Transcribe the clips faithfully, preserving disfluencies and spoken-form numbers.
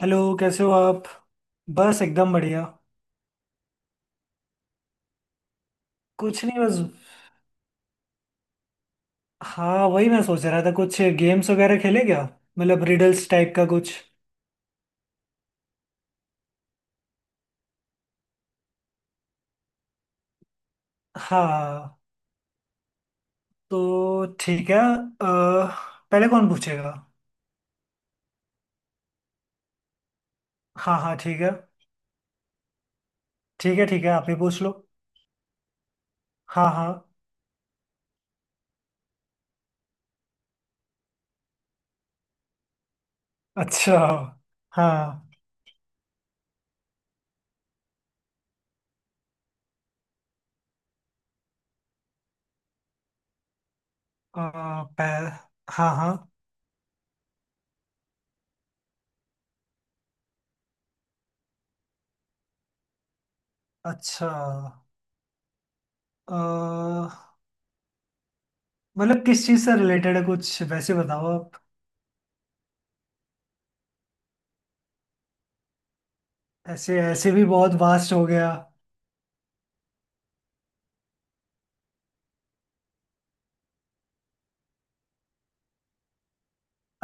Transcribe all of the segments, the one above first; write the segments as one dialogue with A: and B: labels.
A: Hello, कैसे हो आप। बस एकदम बढ़िया। कुछ नहीं बस। हाँ, वही मैं सोच रहा था कुछ गेम्स वगैरह खेले क्या। मतलब रिडल्स टाइप का कुछ। हाँ तो ठीक है। अह, पहले कौन पूछेगा। हाँ हाँ ठीक है। ठीक है ठीक है, आप ही पूछ लो। हाँ हाँ। अच्छा। हाँ। अह, पह, हाँ हाँ। अच्छा। अह, मतलब किस चीज़ से रिलेटेड है कुछ वैसे बताओ आप। ऐसे ऐसे भी बहुत वास्ट हो गया।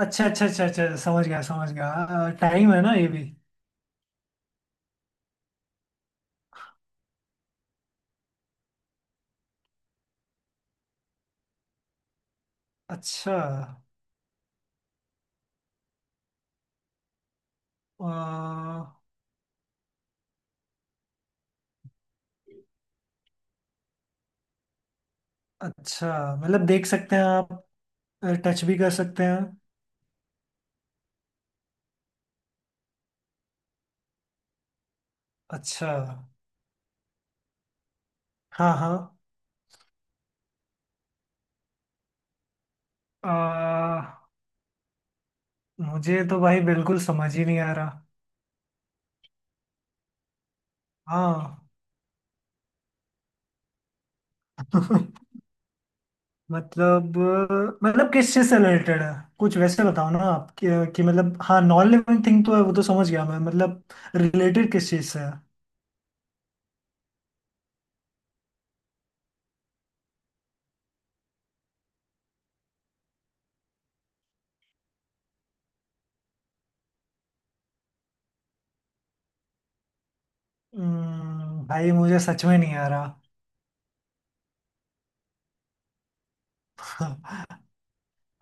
A: अच्छा अच्छा अच्छा अच्छा, समझ गया समझ गया। टाइम है ना ये भी। अच्छा। अ, अच्छा मतलब देख सकते हैं आप। टच भी कर सकते हैं। अच्छा। हाँ हाँ। अ, मुझे तो भाई बिल्कुल समझ ही नहीं आ रहा। हाँ। मतलब अ, मतलब किस चीज से रिलेटेड है कुछ वैसे बताओ ना आप कि, कि मतलब हाँ नॉन लिविंग थिंग तो है, वो तो समझ गया मैं। मतलब रिलेटेड किस चीज से है। हम्म, भाई मुझे सच में नहीं आ रहा।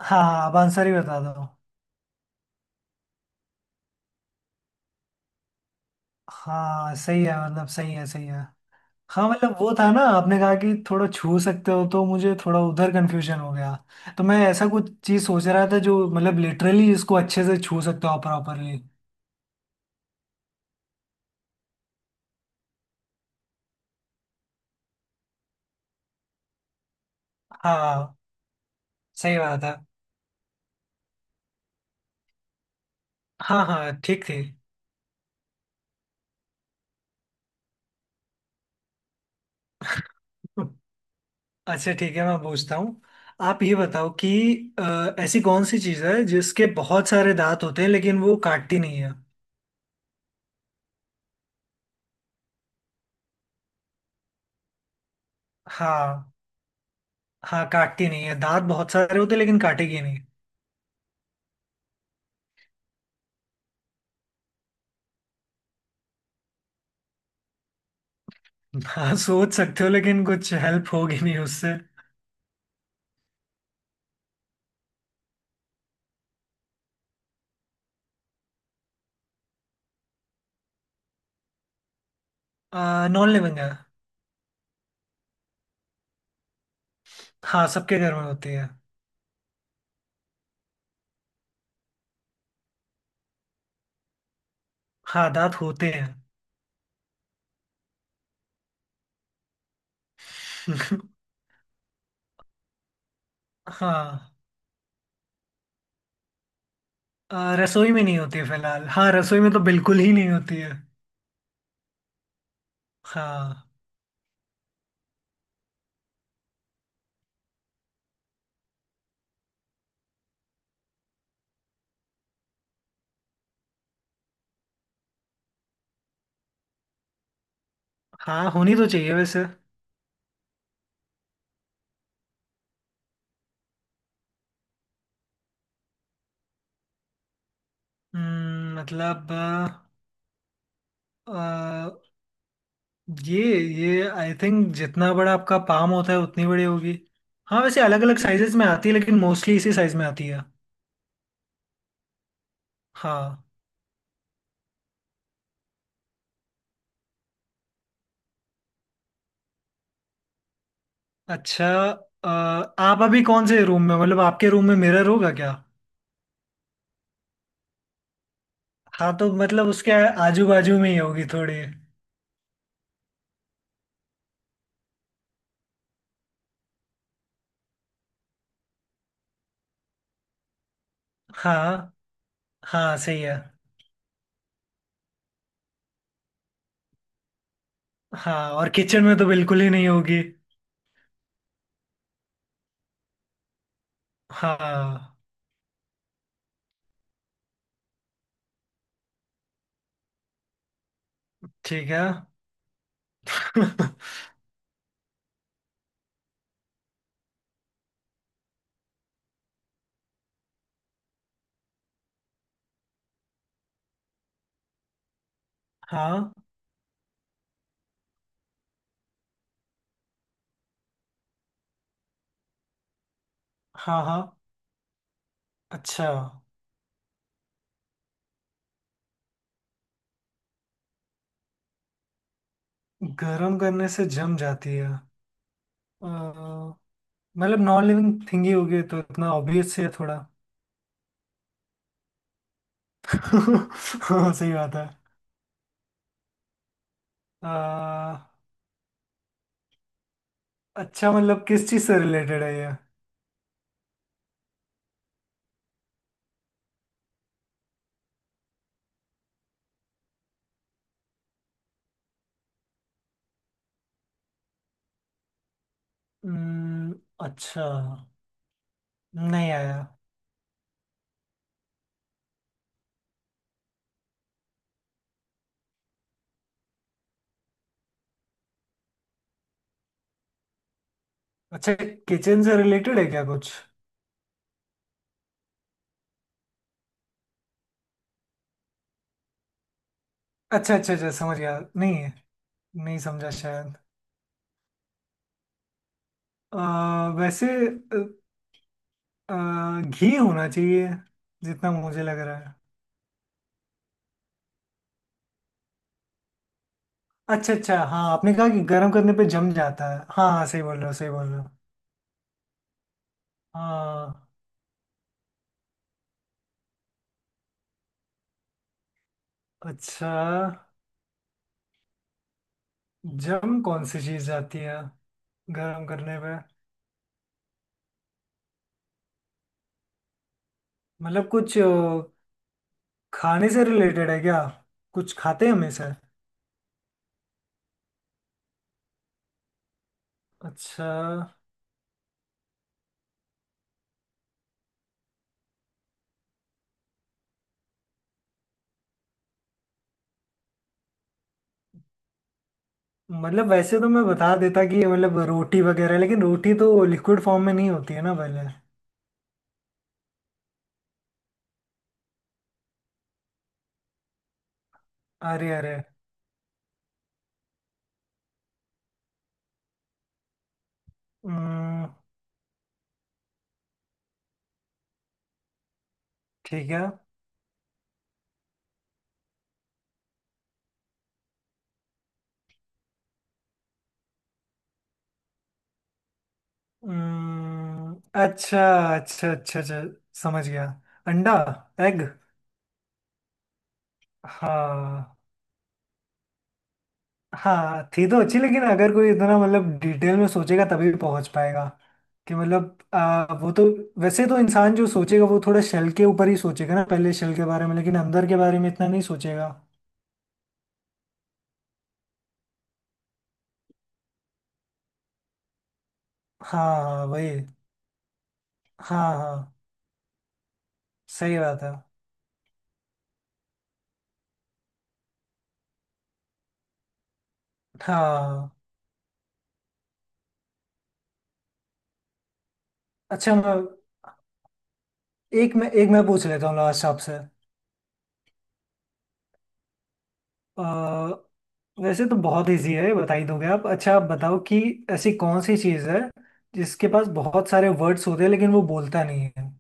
A: हाँ, आप आंसर ही बता दो। हाँ सही है, मतलब सही है सही है। हाँ मतलब वो था ना, आपने कहा कि थोड़ा छू सकते हो, तो मुझे थोड़ा उधर कंफ्यूजन हो गया। तो मैं ऐसा कुछ चीज सोच रहा था जो मतलब लिटरली इसको अच्छे से छू सकता हो प्रॉपरली। हाँ सही बात है। हाँ हाँ ठीक थी। अच्छा ठीक है मैं पूछता हूँ। आप ये बताओ कि अ, ऐसी कौन सी चीज है जिसके बहुत सारे दांत होते हैं लेकिन वो काटती नहीं है। हाँ हाँ काटती नहीं है, दांत बहुत सारे होते हैं लेकिन काटेगी नहीं। हाँ सोच सकते हो लेकिन कुछ हेल्प होगी नहीं उससे। आ, नॉन लिविंग है। हाँ सबके घर में होती है। हाँ दांत होते हैं। हाँ। आ, रसोई में नहीं होती है फिलहाल। हाँ रसोई में तो बिल्कुल ही नहीं होती है। हाँ हाँ होनी तो चाहिए वैसे। हम्म, मतलब आ, आ, ये ये आई थिंक जितना बड़ा आपका पाम होता है उतनी बड़ी होगी। हाँ वैसे अलग अलग साइजेस में आती है लेकिन मोस्टली इसी साइज में आती है। हाँ। अच्छा। अ, आप अभी कौन से रूम में, मतलब आपके रूम में मिरर होगा क्या। हाँ तो मतलब उसके आजू बाजू में ही होगी थोड़ी। हाँ हाँ सही है। हाँ और किचन में तो बिल्कुल ही नहीं होगी। हाँ ठीक है। हाँ हाँ हाँ। अच्छा, गर्म करने से जम जाती है। अ, मतलब नॉन लिविंग थिंग ही होगी तो, इतना ऑब्वियस है थोड़ा। हाँ सही बात है। अ, अच्छा मतलब किस चीज़ से रिलेटेड है ये। हम्म। अच्छा। नहीं आया। अच्छा किचन से रिलेटेड है क्या कुछ। अच्छा अच्छा अच्छा समझ गया, नहीं है। नहीं समझा शायद। अ, वैसे अ, अ, घी होना चाहिए, जितना मुझे लग रहा है। अच्छा अच्छा, हाँ आपने कहा कि गर्म करने पे जम जाता है। हाँ हाँ सही बोल रहे हो सही बोल रहे हो। हाँ। अच्छा जम कौन सी चीज जाती है गर्म करने पे। मतलब कुछ अ, खाने से रिलेटेड है क्या। कुछ खाते हैं हमेशा। अच्छा। मतलब वैसे तो मैं बता देता कि ये मतलब रोटी वगैरह, लेकिन रोटी तो लिक्विड फॉर्म में नहीं होती है ना पहले। अरे अरे। हम्म, ठीक है। हम्म, अच्छा अच्छा अच्छा अच्छा, समझ गया। अंडा। एग। हाँ। हाँ थी तो अच्छी, लेकिन अगर कोई इतना मतलब डिटेल में सोचेगा तभी पहुंच पाएगा कि मतलब आ, वो तो वैसे तो इंसान जो सोचेगा वो थोड़ा शेल के ऊपर ही सोचेगा ना पहले, शेल के बारे में, लेकिन अंदर के बारे में इतना नहीं सोचेगा। हाँ हाँ वही। हाँ हाँ सही बात है। हाँ। अच्छा मैं एक मैं एक मैं पूछ लेता हूँ लास्ट आपसे। अ, वैसे तो बहुत इजी है बता ही दोगे आप। अच्छा आप बताओ कि ऐसी कौन सी चीज़ है जिसके पास बहुत सारे वर्ड्स होते हैं लेकिन वो बोलता नहीं है।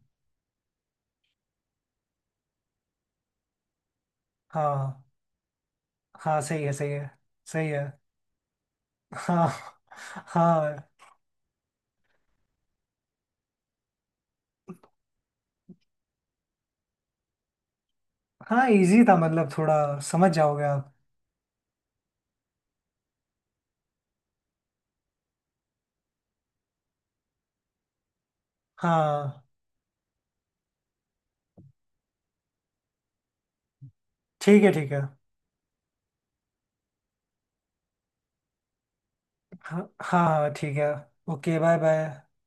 A: हाँ। हाँ सही है सही है सही है। हाँ। हाँ। हाँ इजी था, मतलब थोड़ा समझ जाओगे आप। हाँ ठीक है ठीक है। हाँ हाँ हाँ, ठीक है। Okay bye bye.